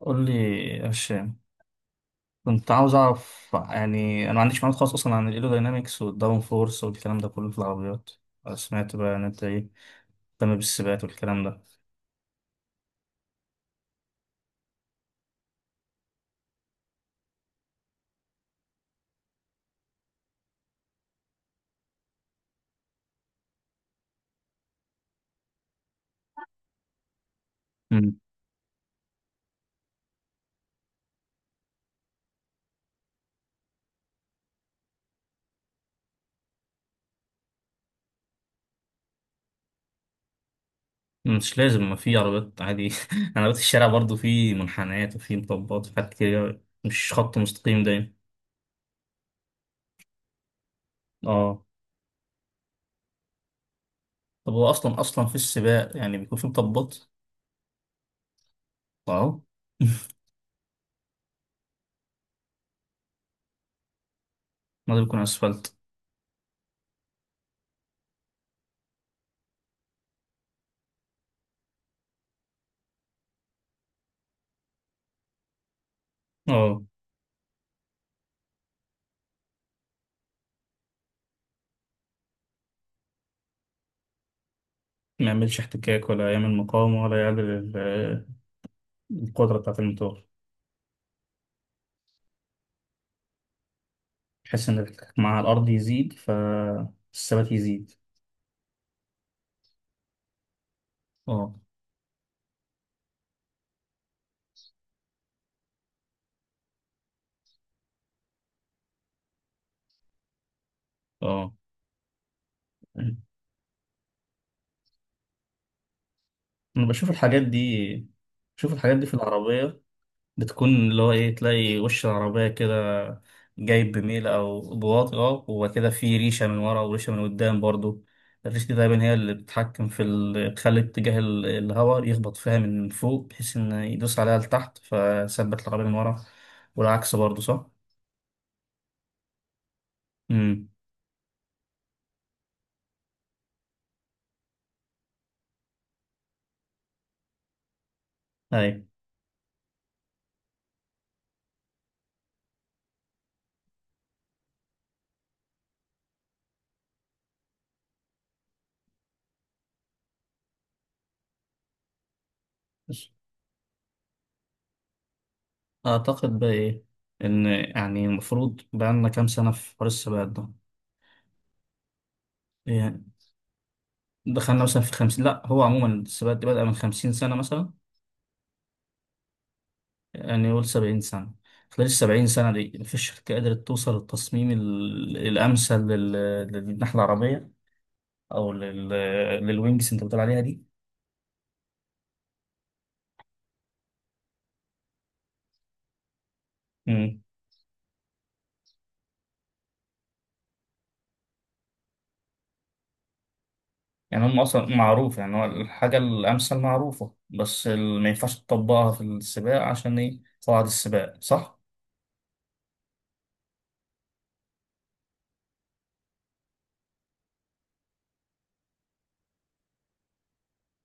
قول لي يا هشام، كنت عاوز اعرف. يعني انا ما عنديش معلومات خالص اصلا عن الايروداينامكس والداون فورس والكلام ده كله في العربيات. سمعت بقى ان انت ايه، مهتم بالسباقات والكلام ده. مم. مش لازم، ما في عربيات عادي عربيات الشارع برضو في منحنيات وفي مطبات وفي حاجات كتير، مش خط مستقيم دايما. اه. طب هو اصلا في السباق يعني بيكون في مطبات؟ اه. ما ده بيكون اسفلت. اه، ما يعملش احتكاك ولا يعمل مقاومة ولا يعمل القدرة بتاعة الموتور، بحيث ان الاحتكاك مع الارض يزيد فالثبات يزيد. اه، اه. انا بشوف الحاجات دي، في العربية. بتكون اللي هو ايه، تلاقي وش العربية كده جايب بميل او بواطي وكده، في ريشة من ورا وريشة من قدام برضو. الريشة دي دايما هي اللي بتتحكم في تخلي اتجاه الهواء يخبط فيها من فوق، بحيث ان يدوس عليها لتحت فثبت العربية من ورا. والعكس برضو صح؟ امم، ايوه. أعتقد بقى إيه، إن يعني المفروض بقالنا كام سنة في حوار السباقات ده. يعني دخلنا مثلا في خمسين، لأ هو عموما السباقات دي بدأ من خمسين سنة مثلا. يعني نقول سبعين سنة. خلال السبعين سنة دي مفيش شركة قدرت توصل للتصميم الأمثل للناحية العربية، أو للوينجز أنت بتقول عليها دي. مم. يعني هم أصلا معروف، يعني هو الحاجة الأمثل معروفة، بس ما ينفعش تطبقها في السباق عشان إيه، قواعد السباق صح؟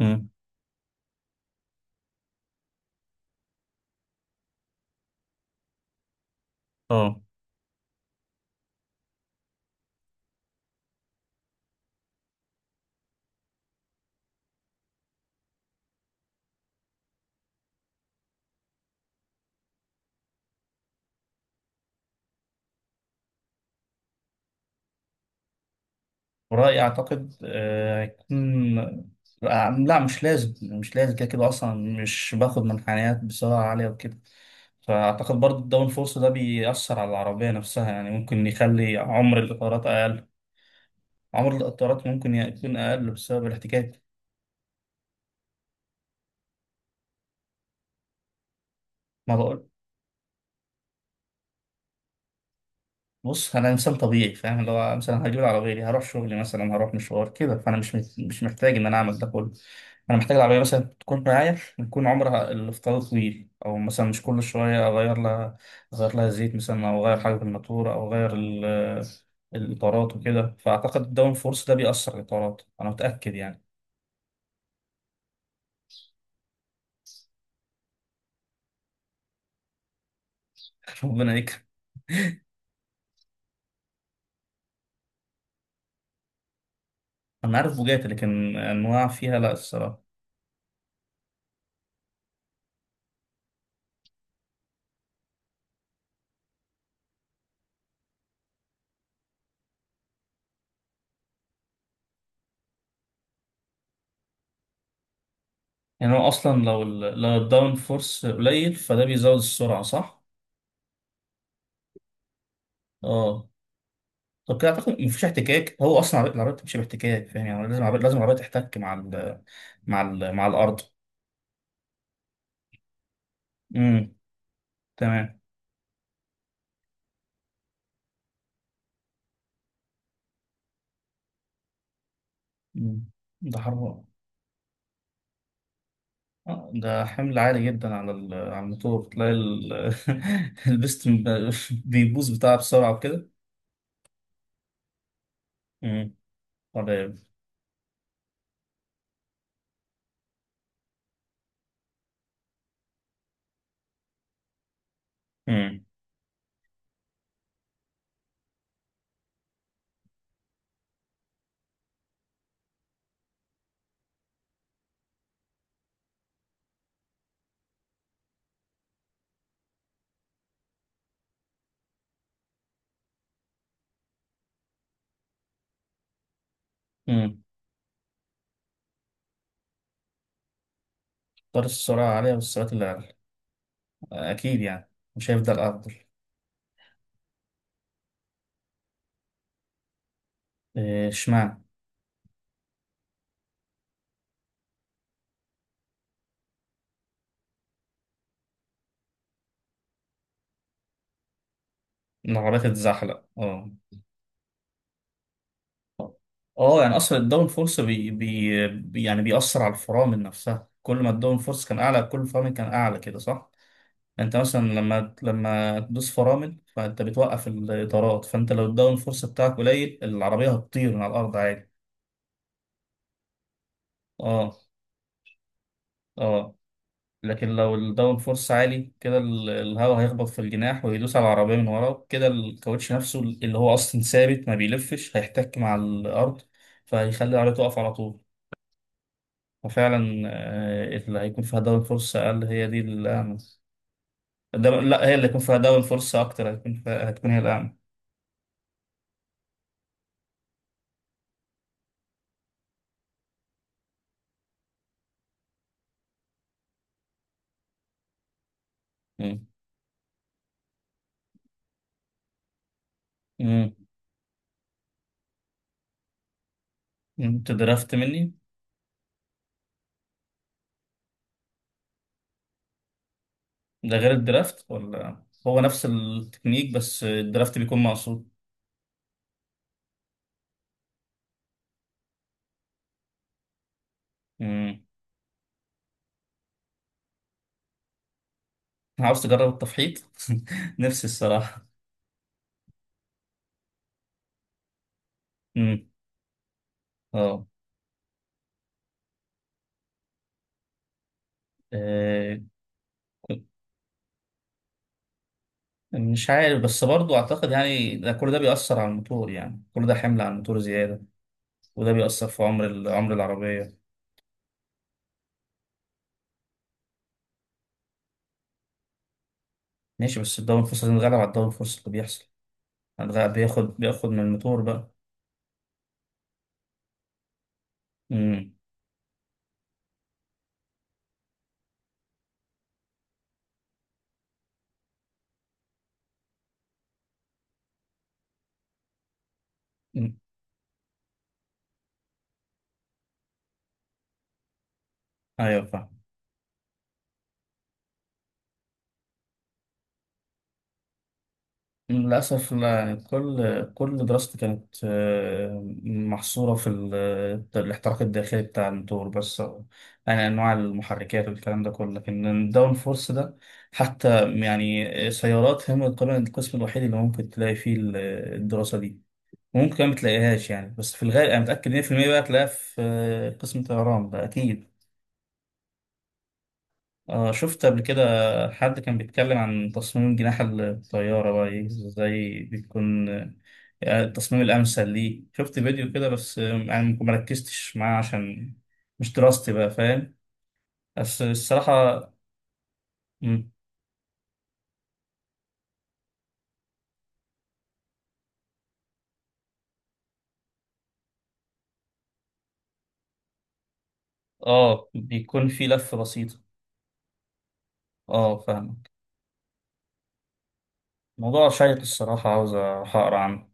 مم. اه. ورأيي أعتقد هيكون لا، مش لازم كده كده أصلا. مش باخد منحنيات بسرعة عالية وكده. فأعتقد برضه الداون فورس ده بيأثر على العربية نفسها، يعني ممكن يخلي عمر الإطارات أقل. عمر الإطارات ممكن يكون أقل بسبب الاحتكاك. ما بص، انا انسان طبيعي فاهم اللي هو مثلا هجيب العربيه دي، هروح شغلي مثلا، هروح مشوار كده، فانا مش محتاج ان انا اعمل ده كله. انا محتاج العربيه مثلا تكون معايا، يكون عمرها الافتراضي طويل، او مثلا مش كل شويه اغير لها، زيت مثلا، او اغير حاجه في الماتوره، او اغير الاطارات وكده. فاعتقد الداون فورس ده بيأثر على الاطارات انا متاكد يعني. ربنا يكرم. انا عارف بوجاتي لكن انواع فيها لا الصراحه. يعني هو اصلا لو لو الداون فورس قليل فده بيزود السرعه صح. اه. طب كده اعتقد مفيش احتكاك، هو اصلا العربية بتمشي باحتكاك، فاهم يعني لازم العربيه تحتك مع الارض. امم، تمام. مم. ده حرب. ده حمل عالي جدا على على الموتور، تلاقي البستم بيبوظ بتاعها بسرعه وكده. امم، طيب. امم، امم. طار السرعه عاليه والسرعات اللي عالية. اكيد يعني مش هيفضل افضل. إيه، اشمعنى. العربية تتزحلق، اه. اه، يعني اصلا الداون فورس يعني بيأثر على الفرامل نفسها. كل ما الداون فورس كان اعلى كل الفرامل كان اعلى كده صح. انت مثلا لما تدوس فرامل فانت بتوقف الاطارات، فانت لو الداون فورس بتاعك قليل العربيه هتطير من على الارض عادي. اه، اه. لكن لو الداون فورس عالي كده الهواء هيخبط في الجناح ويدوس على العربيه من ورا كده، الكاوتش نفسه اللي هو اصلا ثابت ما بيلفش هيحتك مع الارض، فهيخلي العربيه تقف على طول. وفعلا اللي هيكون فيها داون فرصة أقل هي دي الأعمى. ده لا، هي اللي هيكون فيها داون فرصة أكتر هتكون هي الأعمى. مم. مم. أنت درافت مني. ده غير الدرافت ولا هو نفس التكنيك، بس الدرافت بيكون مقصود. مم. عاوز تجرب التفحيط. نفسي الصراحة. مم. اه. آه. كنت- مش عارف بس برضو أعتقد يعني ده كل ده بيأثر على الموتور، يعني كل ده حمل على الموتور زيادة، وده بيأثر في عمر عمر العربية. ماشي، بس الدوري الفرصة هنتغلب على الدوري الفرصة اللي بيحصل، هنتغلب بياخد من الموتور بقى. امم. أمم. ايوه فاهم. للأسف لا، يعني كل دراستي كانت محصورة في الاحتراق الداخلي بتاع الموتور بس يعني أنواع المحركات والكلام ده كله، لكن الداون فورس ده حتى يعني سيارات هم تقريبا القسم الوحيد اللي ممكن تلاقي فيه الدراسة دي، وممكن ما تلاقيهاش يعني. بس في الغالب أنا متأكد 100% بقى تلاقيها في قسم طيران ده أكيد. آه، شفت قبل كده حد كان بيتكلم عن تصميم جناح الطيارة بقى إيه، إزاي بيكون التصميم الأمثل. ليه شفت فيديو كده بس يعني ما ركزتش معاه عشان مش دراستي بقى، فاهم بس الصراحة. مم، آه بيكون في لفة بسيطة. آه، فاهمك. موضوع شيق الصراحة عاوز أروح أقرأ عنه.